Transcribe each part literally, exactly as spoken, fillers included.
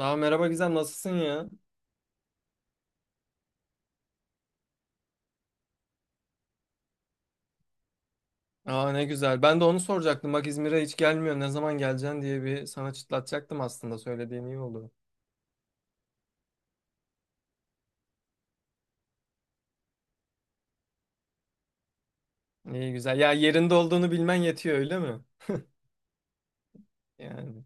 Aa, merhaba güzel nasılsın ya? Aa ne güzel. Ben de onu soracaktım. Bak İzmir'e hiç gelmiyor. Ne zaman geleceksin diye bir sana çıtlatacaktım aslında. Söylediğin iyi oldu. İyi güzel. Ya yerinde olduğunu bilmen yetiyor öyle mi? Yani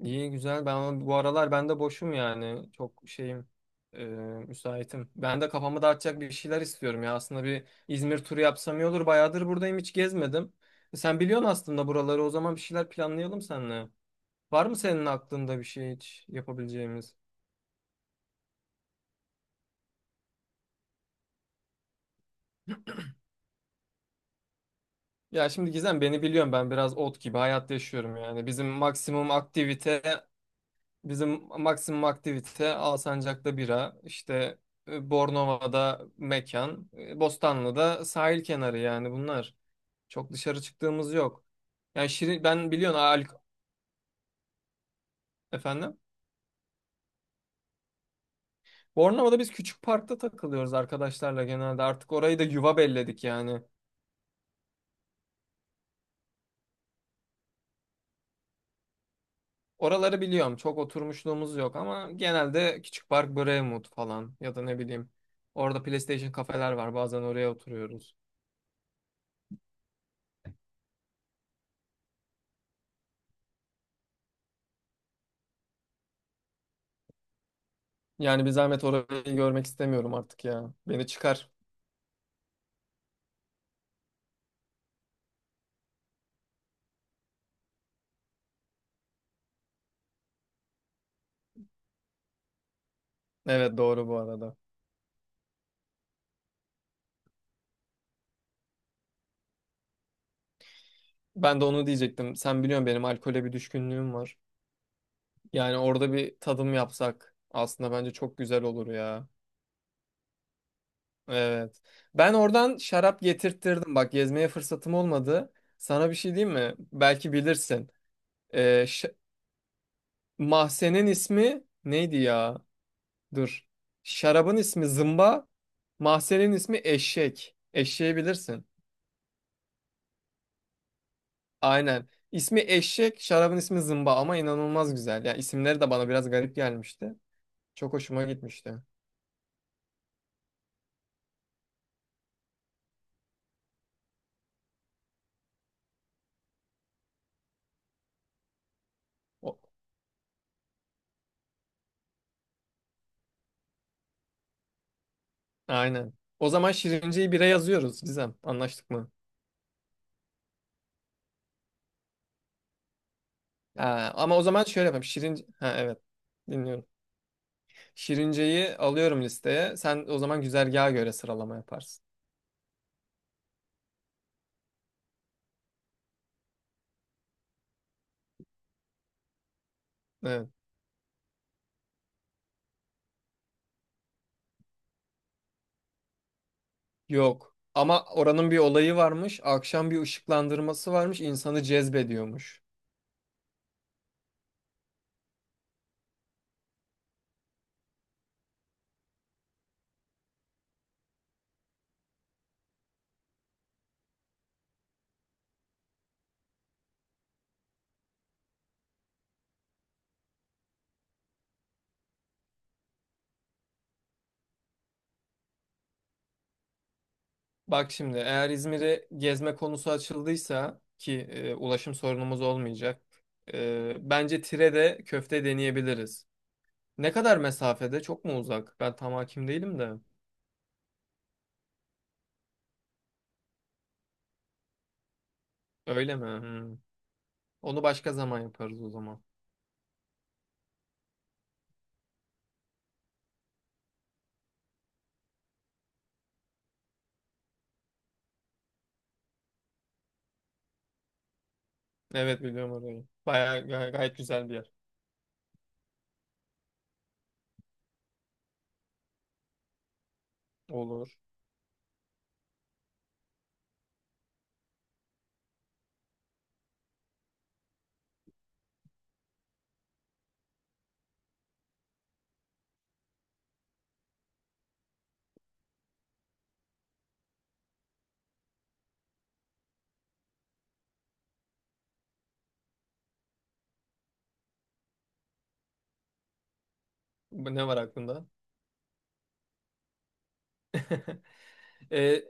iyi güzel. Ben bu aralar ben de boşum yani. Çok şeyim e, müsaitim. Ben de kafamı dağıtacak bir şeyler istiyorum ya. Aslında bir İzmir turu yapsam iyi olur. Bayağıdır buradayım hiç gezmedim. E, Sen biliyorsun aslında buraları. O zaman bir şeyler planlayalım seninle. Var mı senin aklında bir şey hiç yapabileceğimiz? Ya şimdi Gizem beni biliyorsun ben biraz ot gibi hayat yaşıyorum yani. Bizim maksimum aktivite bizim maksimum aktivite Alsancak'ta bira, işte e, Bornova'da mekan, e, Bostanlı'da sahil kenarı yani bunlar. Çok dışarı çıktığımız yok. Yani şirin, ben biliyorsun Alk efendim. Bornova'da biz küçük parkta takılıyoruz arkadaşlarla genelde. Artık orayı da yuva belledik yani. Oraları biliyorum. Çok oturmuşluğumuz yok ama genelde Küçük Park Brevmood falan ya da ne bileyim. Orada PlayStation kafeler var. Bazen oraya oturuyoruz. Yani bir zahmet orayı görmek istemiyorum artık ya. Beni çıkar. Evet doğru bu arada. Ben de onu diyecektim. Sen biliyorsun benim alkole bir düşkünlüğüm var. Yani orada bir tadım yapsak aslında bence çok güzel olur ya. Evet. Ben oradan şarap getirttirdim. Bak gezmeye fırsatım olmadı. Sana bir şey diyeyim mi? Belki bilirsin. Ee, ş- Mahzenin ismi neydi ya? Dur. Şarabın ismi zımba. Mahzenin ismi eşek. Eşeği bilirsin. Aynen. İsmi eşek, şarabın ismi zımba ama inanılmaz güzel. Ya isimleri de bana biraz garip gelmişti. Çok hoşuma gitmişti. O, aynen. O zaman Şirince'yi bire yazıyoruz Gizem. Anlaştık mı? Ha, ama o zaman şöyle yapalım. Şirince... Ha evet. Dinliyorum. Şirince'yi alıyorum listeye. Sen o zaman güzergaha göre sıralama yaparsın. Evet. Yok. Ama oranın bir olayı varmış. Akşam bir ışıklandırması varmış. İnsanı cezbediyormuş. Bak şimdi eğer İzmir'e gezme konusu açıldıysa ki e, ulaşım sorunumuz olmayacak. E, bence tire de köfte deneyebiliriz. Ne kadar mesafede? Çok mu uzak? Ben tam hakim değilim de. Öyle mi? Hmm. Onu başka zaman yaparız o zaman. Evet biliyorum orayı. Bayağı gay- gayet güzel bir yer. Olur. Bu Ne var aklında? E,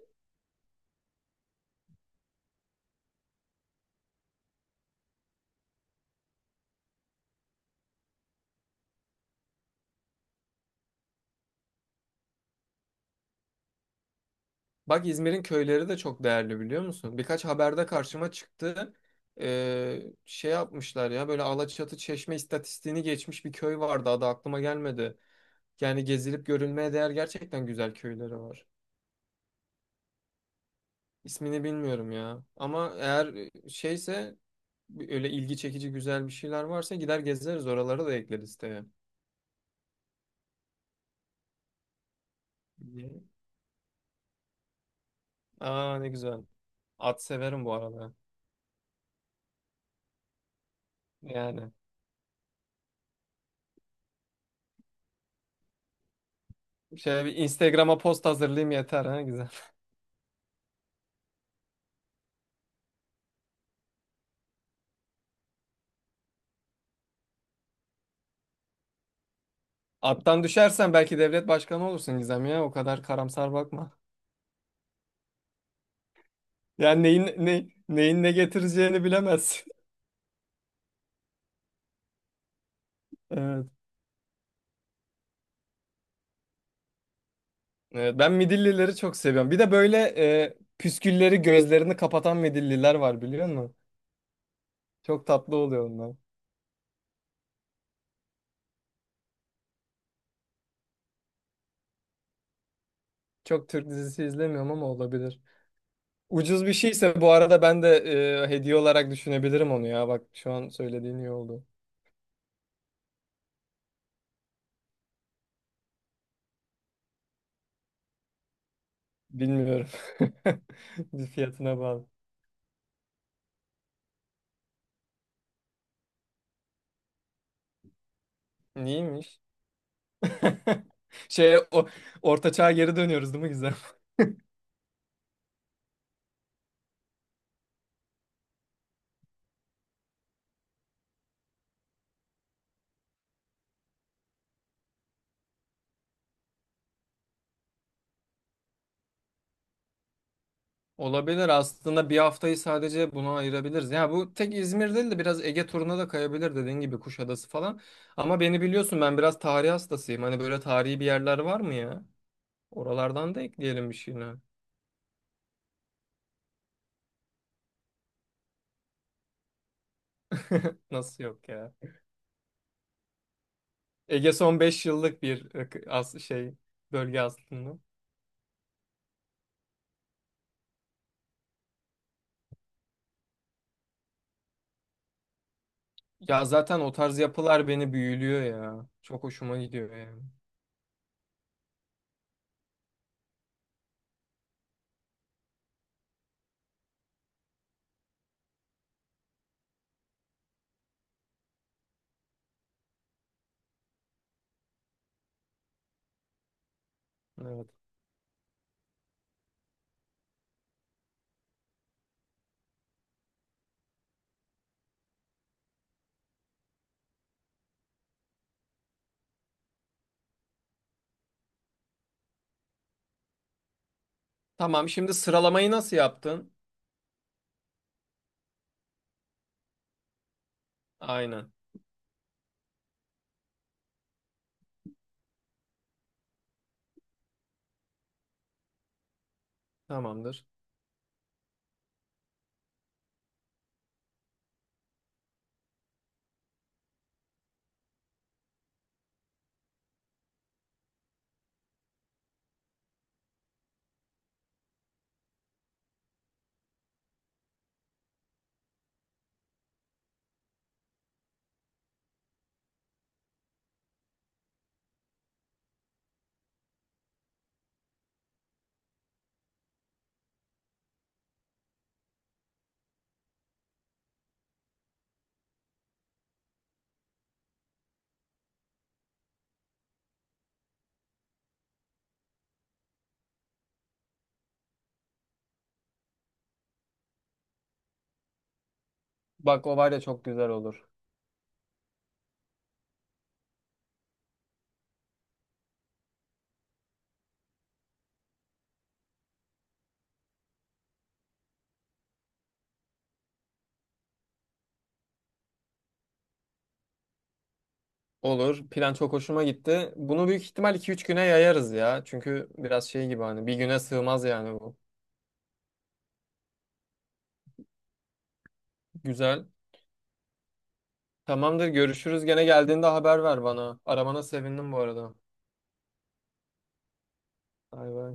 Bak İzmir'in köyleri de çok değerli biliyor musun? Birkaç haberde karşıma çıktı. Ee, şey yapmışlar ya böyle Alaçatı Çeşme istatistiğini geçmiş bir köy vardı adı aklıma gelmedi. Yani gezilip görülmeye değer gerçekten güzel köyleri var. İsmini bilmiyorum ya. Ama eğer e, şeyse öyle ilgi çekici güzel bir şeyler varsa gider gezeriz oraları da ekleriz tabii. Aa ne güzel. At severim bu arada. Yani şöyle bir Instagram'a post hazırlayayım yeter ha güzel. Attan düşersen belki devlet başkanı olursun Gizem ya. O kadar karamsar bakma. Yani neyin ne, neyin ne getireceğini bilemezsin. Evet. Evet, ben midillileri çok seviyorum. Bir de böyle e, püskülleri gözlerini kapatan midilliler var biliyor musun? Çok tatlı oluyor onlar. Çok Türk dizisi izlemiyorum ama olabilir. Ucuz bir şeyse bu arada ben de e, hediye olarak düşünebilirim onu ya. Bak şu an söylediğin iyi oldu. Bilmiyorum. Bir fiyatına bağlı. Neymiş? Şey o orta çağa geri dönüyoruz değil mi Gizem? Olabilir aslında bir haftayı sadece buna ayırabiliriz. Ya bu tek İzmir değil de biraz Ege turuna da kayabilir dediğin gibi Kuşadası falan. Ama beni biliyorsun ben biraz tarih hastasıyım. Hani böyle tarihi bir yerler var mı ya? Oralardan da ekleyelim bir şeyine. Nasıl yok ya? Ege son beş yıllık bir ık- as şey bölge aslında. Ya zaten o tarz yapılar beni büyülüyor ya. Çok hoşuma gidiyor yani. Evet. Tamam şimdi sıralamayı nasıl yaptın? Aynen. Tamamdır. Bak o var ya çok güzel olur. Olur. Plan çok hoşuma gitti. Bunu büyük ihtimal iki üç güne yayarız ya. Çünkü biraz şey gibi hani bir güne sığmaz yani bu. Güzel. Tamamdır. Görüşürüz. Gene geldiğinde haber ver bana. Aramana sevindim bu arada. Bay bay.